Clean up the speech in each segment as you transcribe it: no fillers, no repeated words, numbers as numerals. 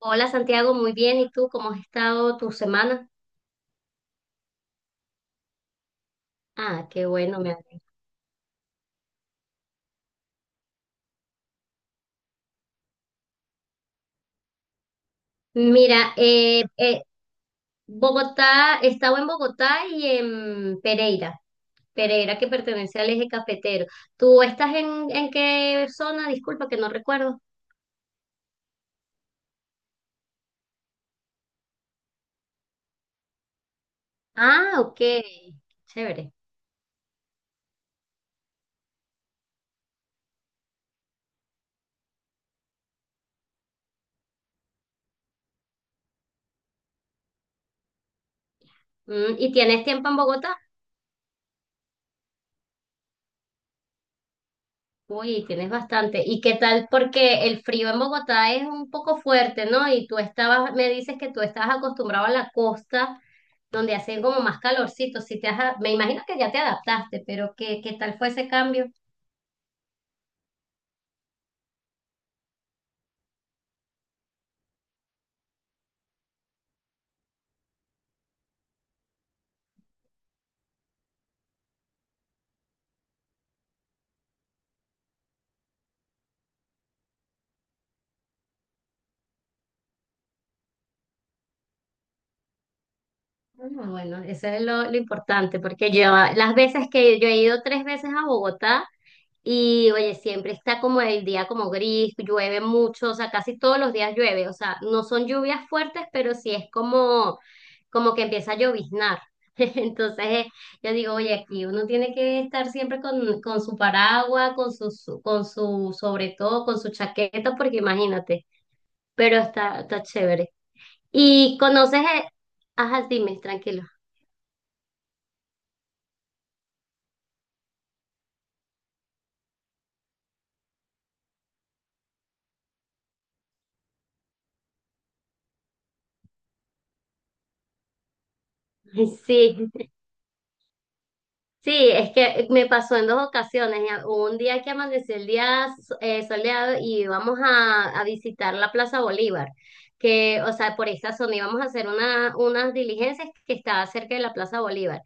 Hola Santiago, muy bien. ¿Y tú cómo has estado tu semana? Ah, qué bueno. Me... Mira, Bogotá, he estado en Bogotá y en Pereira. Pereira que pertenece al eje cafetero. ¿Tú estás en qué zona? Disculpa que no recuerdo. Ah, ok, chévere. Mm, ¿y tienes tiempo en Bogotá? Uy, tienes bastante. ¿Y qué tal? Porque el frío en Bogotá es un poco fuerte, ¿no? Y tú estabas, me dices que tú estabas acostumbrado a la costa, donde hacían como más calorcito. Si te has- Me imagino que ya te adaptaste, pero ¿qué, qué tal fue ese cambio? Bueno, bueno, eso es lo importante, porque yo las veces que yo he ido tres veces a Bogotá. Y oye, siempre está como el día como gris, llueve mucho, o sea, casi todos los días llueve, o sea, no son lluvias fuertes, pero sí es como, como que empieza a lloviznar. Entonces, yo digo, oye, aquí uno tiene que estar siempre con su paraguas, con su, su- con su, sobre todo, con su chaqueta, porque imagínate, pero está, está chévere. Y conoces, ajá, dime, tranquilo. Sí. Sí, es que me pasó en dos ocasiones. Ya, un día que amaneció el día soleado, y íbamos a visitar la Plaza Bolívar, que, o sea, por esa zona íbamos a hacer una, unas diligencias que estaba cerca de la Plaza Bolívar.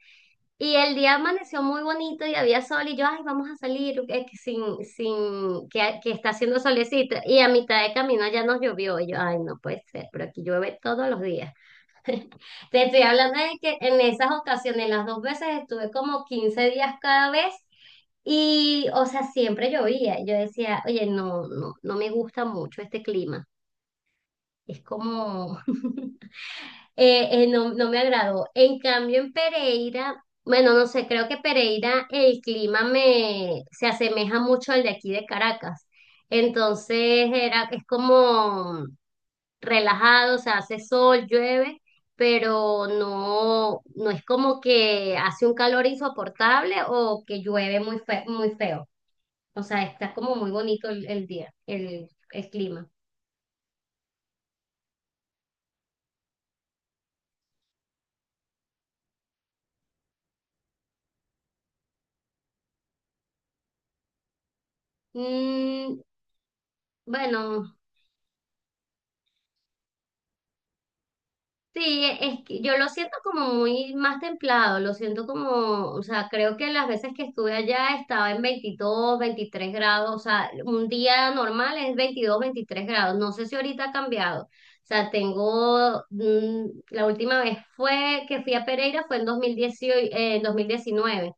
Y el día amaneció muy bonito y había sol y yo, ay, vamos a salir, que sin, sin, que está haciendo solecito. Y a mitad de camino ya nos llovió. Y yo, ay, no puede ser, pero aquí llueve todos los días. Te estoy hablando de que en esas ocasiones, las dos veces, estuve como 15 días cada vez y, o sea, siempre llovía. Yo decía, oye, no, no, no me gusta mucho este clima. Es como, no, no me agradó. En cambio, en Pereira, bueno, no sé, creo que Pereira el clima me se asemeja mucho al de aquí de Caracas. Entonces era, es como, relajado, o sea, hace sol, llueve, pero no, no es como que hace un calor insoportable o que llueve muy feo. O sea, está como muy bonito el día, el clima. Mm, bueno. Sí, es que yo lo siento como muy más templado, lo siento como, o sea, creo que las veces que estuve allá estaba en 22, 23 grados, o sea, un día normal es 22, 23 grados, no sé si ahorita ha cambiado, o sea, tengo, mm, la última vez fue que fui a Pereira fue en 2018, en 2019.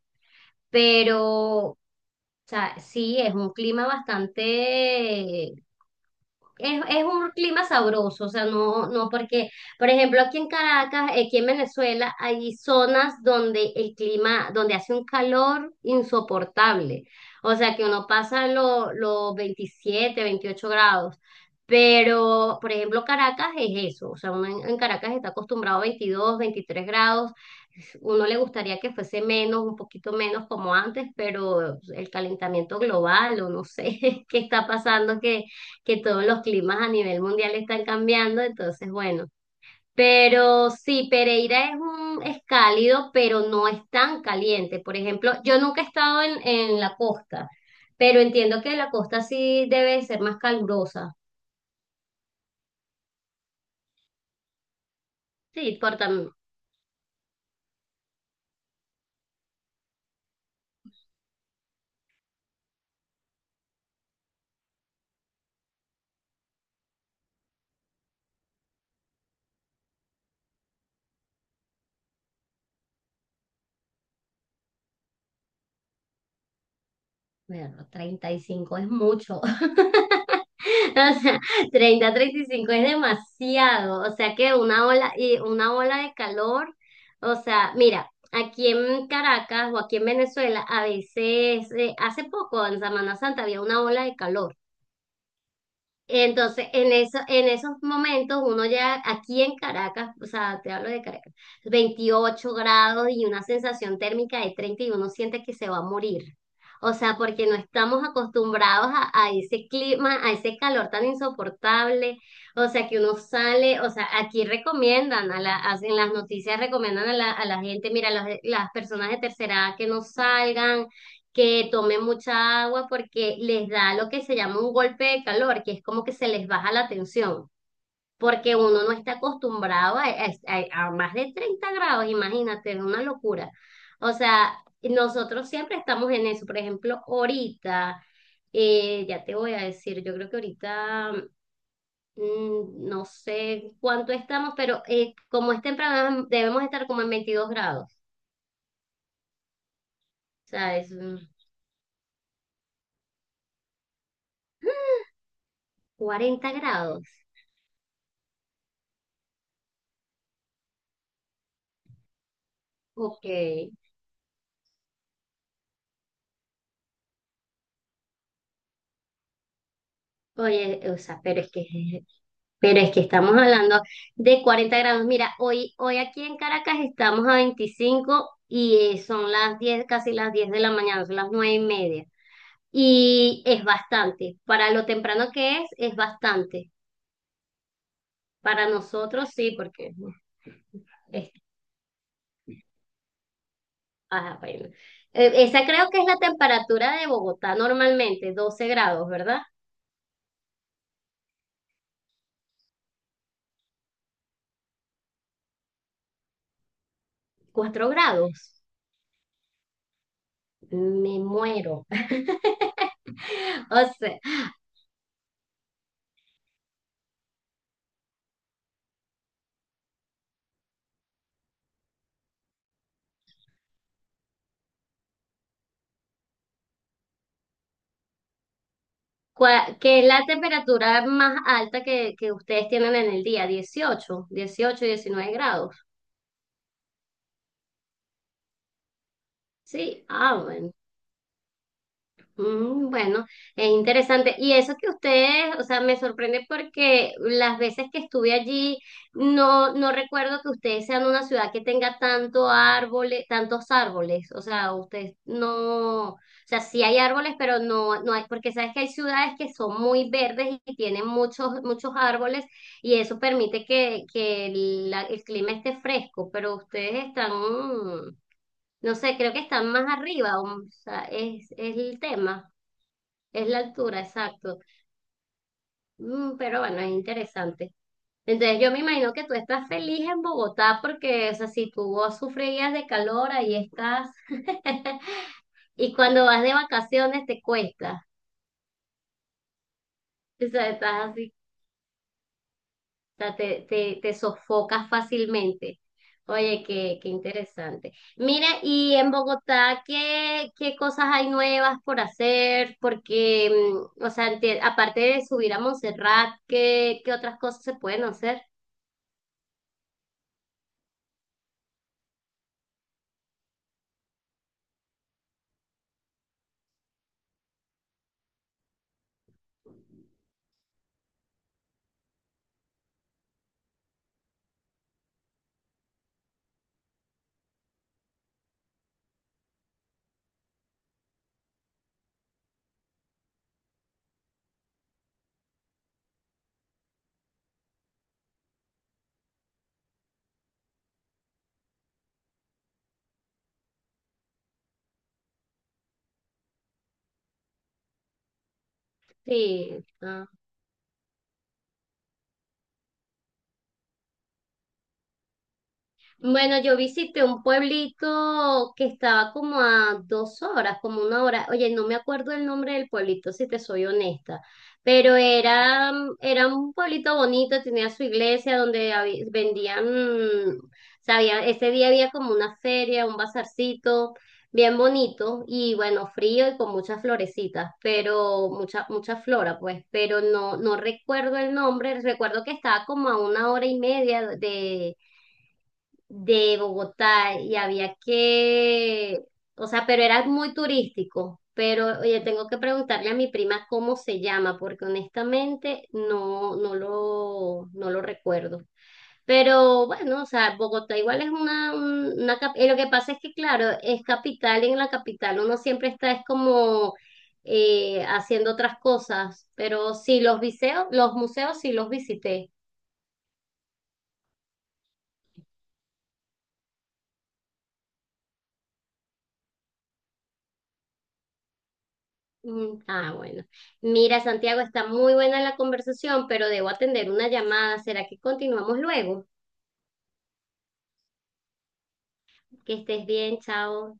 Pero, o sea, sí, es un clima bastante, es un clima sabroso, o sea, no, no, porque, por ejemplo, aquí en Caracas, aquí en Venezuela, hay zonas donde el clima, donde hace un calor insoportable, o sea, que uno pasa los 27, 28 grados, pero, por ejemplo, Caracas es eso, o sea, uno en Caracas está acostumbrado a 22, 23 grados, uno le gustaría que fuese menos, un poquito menos como antes, pero el calentamiento global, o no sé qué está pasando, que todos los climas a nivel mundial están cambiando, entonces bueno. Pero sí, Pereira es un, es cálido, pero no es tan caliente. Por ejemplo, yo nunca he estado en la costa, pero entiendo que la costa sí debe ser más calurosa. Sí, por tam- bueno, 35 es mucho. O sea, 30, 35 es demasiado. O sea que una ola, y una ola de calor. O sea, mira, aquí en Caracas o aquí en Venezuela, a veces, hace poco, en Semana Santa, había una ola de calor. Entonces, en eso, en esos momentos, uno ya aquí en Caracas, o sea, te hablo de Caracas, 28 grados y una sensación térmica de 30 y uno siente que se va a morir. O sea, porque no estamos acostumbrados a ese clima, a ese calor tan insoportable. O sea, que uno sale, o sea, aquí recomiendan, a la, hacen las noticias recomiendan a la gente, mira, las personas de tercera edad que no salgan, que tomen mucha agua porque les da lo que se llama un golpe de calor, que es como que se les baja la tensión, porque uno no está acostumbrado a, más de 30 grados, imagínate, es una locura. O sea, nosotros siempre estamos en eso, por ejemplo, ahorita, ya te voy a decir, yo creo que ahorita... Mm, no sé cuánto estamos, pero como es temprano, debemos estar como en 22 grados, ¿sabes? Mm, 40 grados. Ok. Oye, o sea, pero es que estamos hablando de 40 grados. Mira, hoy, hoy aquí en Caracas estamos a 25 y son las 10, casi las 10 de la mañana, son las 9:30. Y es bastante. Para lo temprano que es bastante. Para nosotros sí, porque es, ajá, bueno. Esa creo que es la temperatura de Bogotá normalmente, 12 grados, ¿verdad? 4 grados. Me muero. O sea, ¿cuál- ¿qué es la temperatura más alta que ustedes tienen en el día? Dieciocho, 18, 19 grados. Sí, ah, bueno. Mm, bueno, es interesante. Y eso que ustedes, o sea, me sorprende porque las veces que estuve allí, no, no recuerdo que ustedes sean una ciudad que tenga tanto árboles, tantos árboles. O sea, ustedes no, o sea, sí hay árboles, pero no, no hay, porque sabes que hay ciudades que son muy verdes y tienen muchos, muchos árboles, y eso permite que el, el clima esté fresco, pero ustedes están, mm, no sé, creo que están más arriba, o sea, es el tema. Es la altura, exacto. Mm, pero bueno, es interesante. Entonces yo me imagino que tú estás feliz en Bogotá porque, o sea, si tú sufrías de calor, ahí estás. Y cuando vas de vacaciones te cuesta. O sea, estás así, o sea, te sofocas fácilmente. Oye, qué, qué interesante. Mira, y en Bogotá, ¿qué, qué cosas hay nuevas por hacer? Porque, mm, o sea, aparte de subir a Montserrat, ¿qué, qué otras cosas se pueden hacer? Sí, ah, bueno, yo visité un pueblito que estaba como a 2 horas, como una hora. Oye, no me acuerdo el nombre del pueblito, si te soy honesta, pero era, era un pueblito bonito, tenía su iglesia donde vendían, mm, sabía, ese día había como una feria, un bazarcito, bien bonito y bueno, frío y con muchas florecitas, pero mucha, mucha flora, pues, pero no, no recuerdo el nombre, recuerdo que estaba como a una hora y media de Bogotá y había que, o sea, pero era muy turístico. Pero, oye, tengo que preguntarle a mi prima cómo se llama, porque honestamente no, no lo, no lo recuerdo. Pero bueno, o sea, Bogotá igual es una, y lo que pasa es que, claro, es capital y en la capital uno siempre está, es como haciendo otras cosas. Pero sí, los museos sí los visité. Mm, ah, bueno. Mira, Santiago, está muy buena la conversación, pero debo atender una llamada. ¿Será que continuamos luego? Que estés bien, chao.